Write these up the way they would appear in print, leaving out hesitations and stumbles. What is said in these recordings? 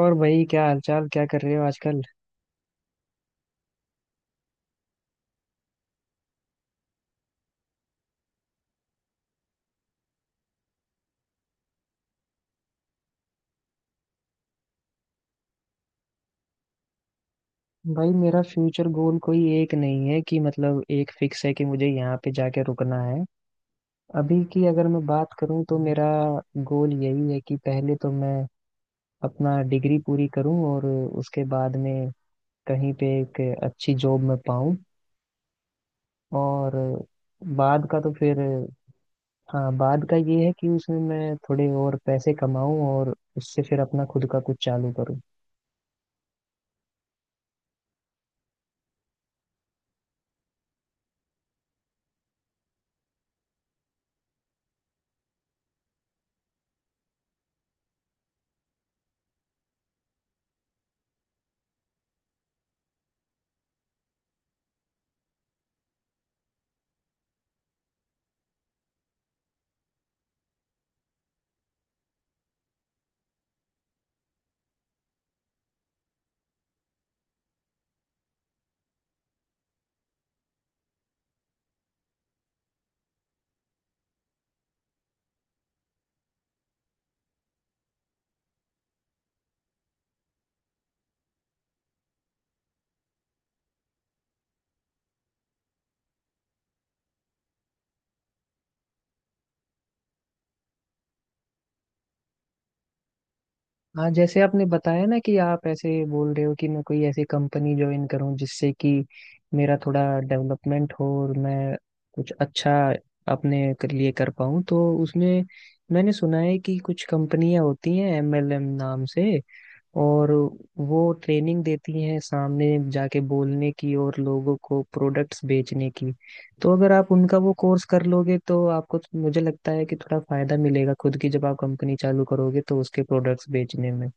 और भाई क्या हालचाल क्या कर रहे हो आजकल। भाई मेरा फ्यूचर गोल कोई एक नहीं है कि मतलब एक फिक्स है कि मुझे यहाँ पे जाके रुकना है। अभी की अगर मैं बात करूँ तो मेरा गोल यही है कि पहले तो मैं अपना डिग्री पूरी करूँ और उसके बाद में कहीं पे एक अच्छी जॉब में पाऊँ और बाद का तो फिर हाँ बाद का ये है कि उसमें मैं थोड़े और पैसे कमाऊँ और उससे फिर अपना खुद का कुछ चालू करूँ। हाँ, जैसे आपने बताया ना कि आप ऐसे बोल रहे हो कि मैं कोई ऐसी कंपनी ज्वाइन करूं जिससे कि मेरा थोड़ा डेवलपमेंट हो और मैं कुछ अच्छा अपने लिए कर पाऊं। तो उसमें मैंने सुना है कि कुछ कंपनियां होती हैं एमएलएम नाम से और वो ट्रेनिंग देती हैं सामने जाके बोलने की और लोगों को प्रोडक्ट्स बेचने की। तो अगर आप उनका वो कोर्स कर लोगे तो आपको मुझे लगता है कि थोड़ा फायदा मिलेगा, खुद की जब आप कंपनी चालू करोगे तो उसके प्रोडक्ट्स बेचने में।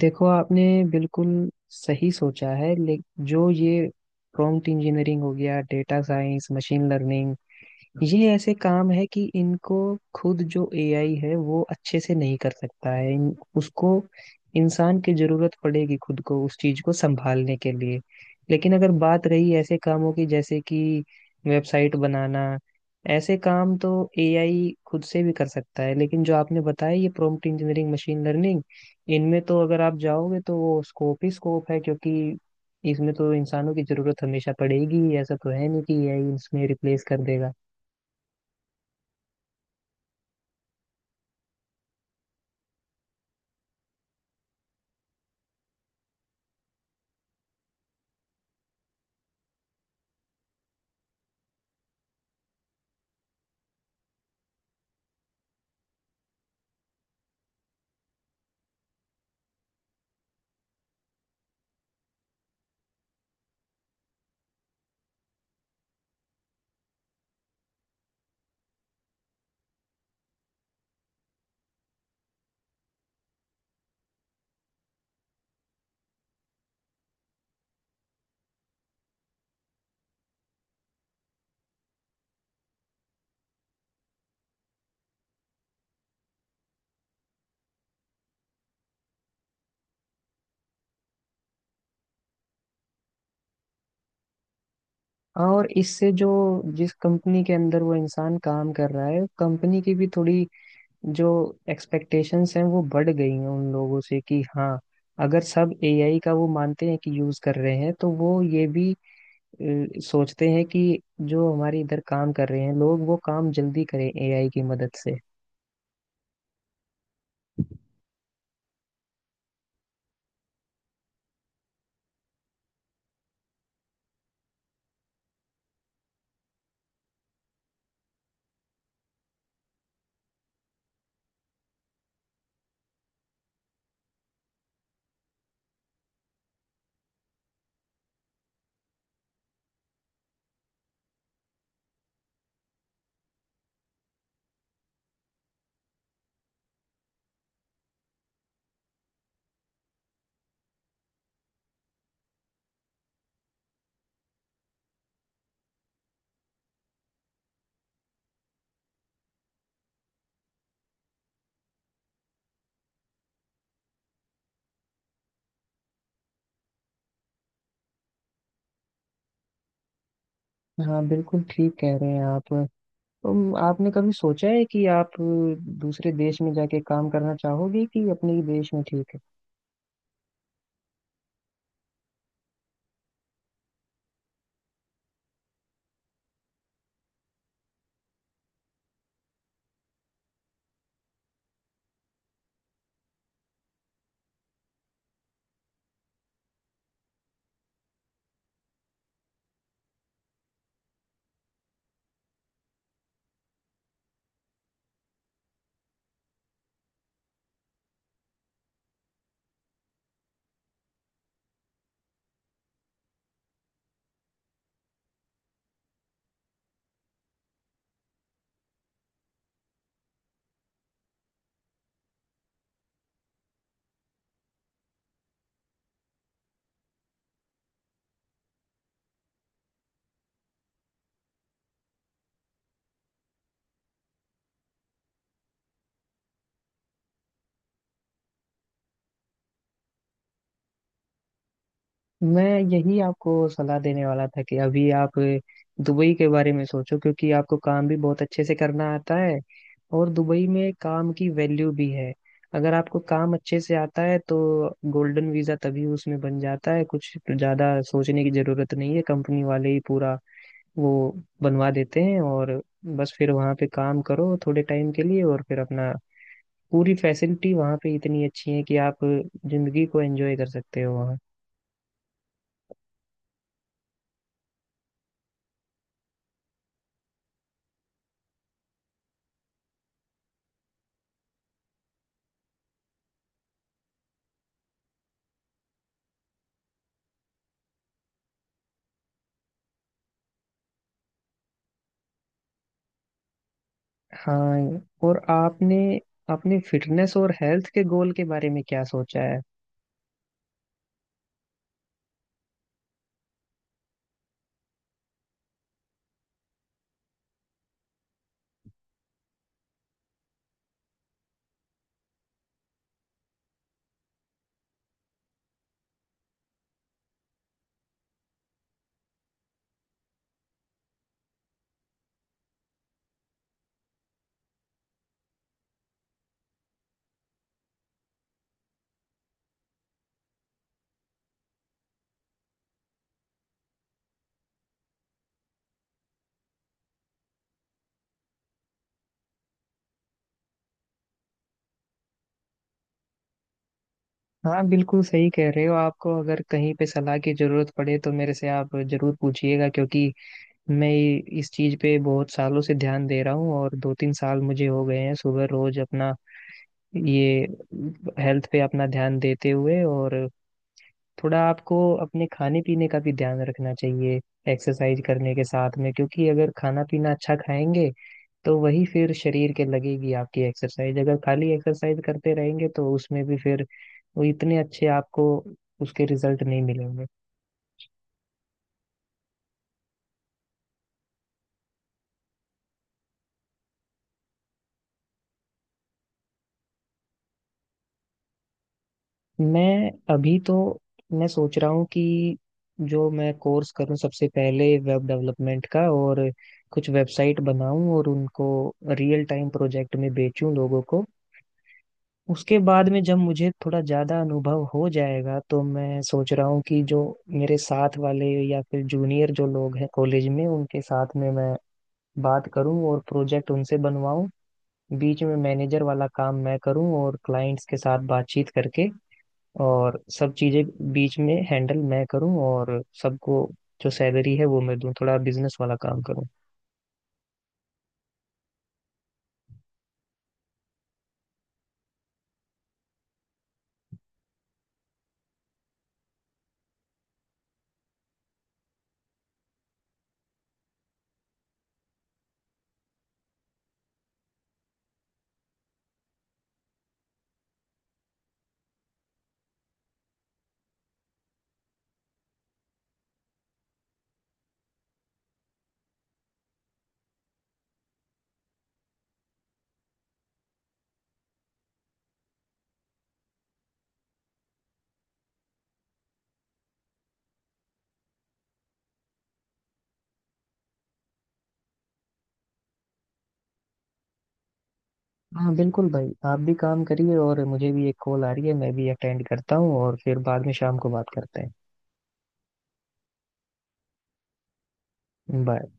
देखो आपने बिल्कुल सही सोचा है, लेकिन जो ये प्रॉम्प्ट इंजीनियरिंग हो गया, डेटा साइंस, मशीन लर्निंग, ये ऐसे काम है कि इनको खुद जो एआई है वो अच्छे से नहीं कर सकता है। उसको इंसान की जरूरत पड़ेगी खुद को उस चीज को संभालने के लिए। लेकिन अगर बात रही ऐसे कामों की जैसे कि वेबसाइट बनाना, ऐसे काम तो एआई खुद से भी कर सकता है। लेकिन जो आपने बताया ये प्रॉम्प्ट इंजीनियरिंग, मशीन लर्निंग, इनमें तो अगर आप जाओगे तो वो स्कोप ही स्कोप है, क्योंकि इसमें तो इंसानों की जरूरत हमेशा पड़ेगी ही। ऐसा तो है नहीं कि एआई इसमें रिप्लेस कर देगा। हाँ, और इससे जो जिस कंपनी के अंदर वो इंसान काम कर रहा है कंपनी की भी थोड़ी जो एक्सपेक्टेशंस हैं वो बढ़ गई हैं उन लोगों से कि हाँ, अगर सब एआई का वो मानते हैं कि यूज कर रहे हैं तो वो ये भी सोचते हैं कि जो हमारे इधर काम कर रहे हैं लोग वो काम जल्दी करें एआई की मदद से। हाँ बिल्कुल ठीक कह रहे हैं आप। तुम आपने कभी सोचा है कि आप दूसरे देश में जाके काम करना चाहोगे कि अपने ही देश में ठीक है? मैं यही आपको सलाह देने वाला था कि अभी आप दुबई के बारे में सोचो, क्योंकि आपको काम भी बहुत अच्छे से करना आता है और दुबई में काम की वैल्यू भी है। अगर आपको काम अच्छे से आता है तो गोल्डन वीजा तभी उसमें बन जाता है, कुछ ज्यादा सोचने की जरूरत नहीं है, कंपनी वाले ही पूरा वो बनवा देते हैं। और बस फिर वहाँ पे काम करो थोड़े टाइम के लिए और फिर अपना पूरी फैसिलिटी वहाँ पे इतनी अच्छी है कि आप जिंदगी को एंजॉय कर सकते हो वहाँ। हाँ, और आपने अपने फिटनेस और हेल्थ के गोल के बारे में क्या सोचा है? हाँ बिल्कुल सही कह रहे हो। आपको अगर कहीं पे सलाह की जरूरत पड़े तो मेरे से आप जरूर पूछिएगा, क्योंकि मैं इस चीज पे बहुत सालों से ध्यान दे रहा हूँ और दो तीन साल मुझे हो गए हैं सुबह रोज अपना ये हेल्थ पे अपना ध्यान देते हुए। और थोड़ा आपको अपने खाने पीने का भी ध्यान रखना चाहिए एक्सरसाइज करने के साथ में, क्योंकि अगर खाना पीना अच्छा खाएंगे तो वही फिर शरीर के लगेगी आपकी एक्सरसाइज। अगर खाली एक्सरसाइज करते रहेंगे तो उसमें भी फिर वो इतने अच्छे आपको उसके रिजल्ट नहीं मिलेंगे। मैं अभी तो मैं सोच रहा हूँ कि जो मैं कोर्स करूँ सबसे पहले वेब डेवलपमेंट का और कुछ वेबसाइट बनाऊं और उनको रियल टाइम प्रोजेक्ट में बेचूं लोगों को। उसके बाद में जब मुझे थोड़ा ज्यादा अनुभव हो जाएगा तो मैं सोच रहा हूँ कि जो मेरे साथ वाले या फिर जूनियर जो लोग हैं कॉलेज में उनके साथ में मैं बात करूँ और प्रोजेक्ट उनसे बनवाऊँ। बीच में मैनेजर वाला काम मैं करूँ और क्लाइंट्स के साथ बातचीत करके और सब चीजें बीच में हैंडल मैं करूँ और सबको जो सैलरी है वो मैं दूँ, थोड़ा बिजनेस वाला काम करूँ। हाँ बिल्कुल भाई, आप भी काम करिए और मुझे भी एक कॉल आ रही है, मैं भी अटेंड करता हूँ और फिर बाद में शाम को बात करते हैं। बाय।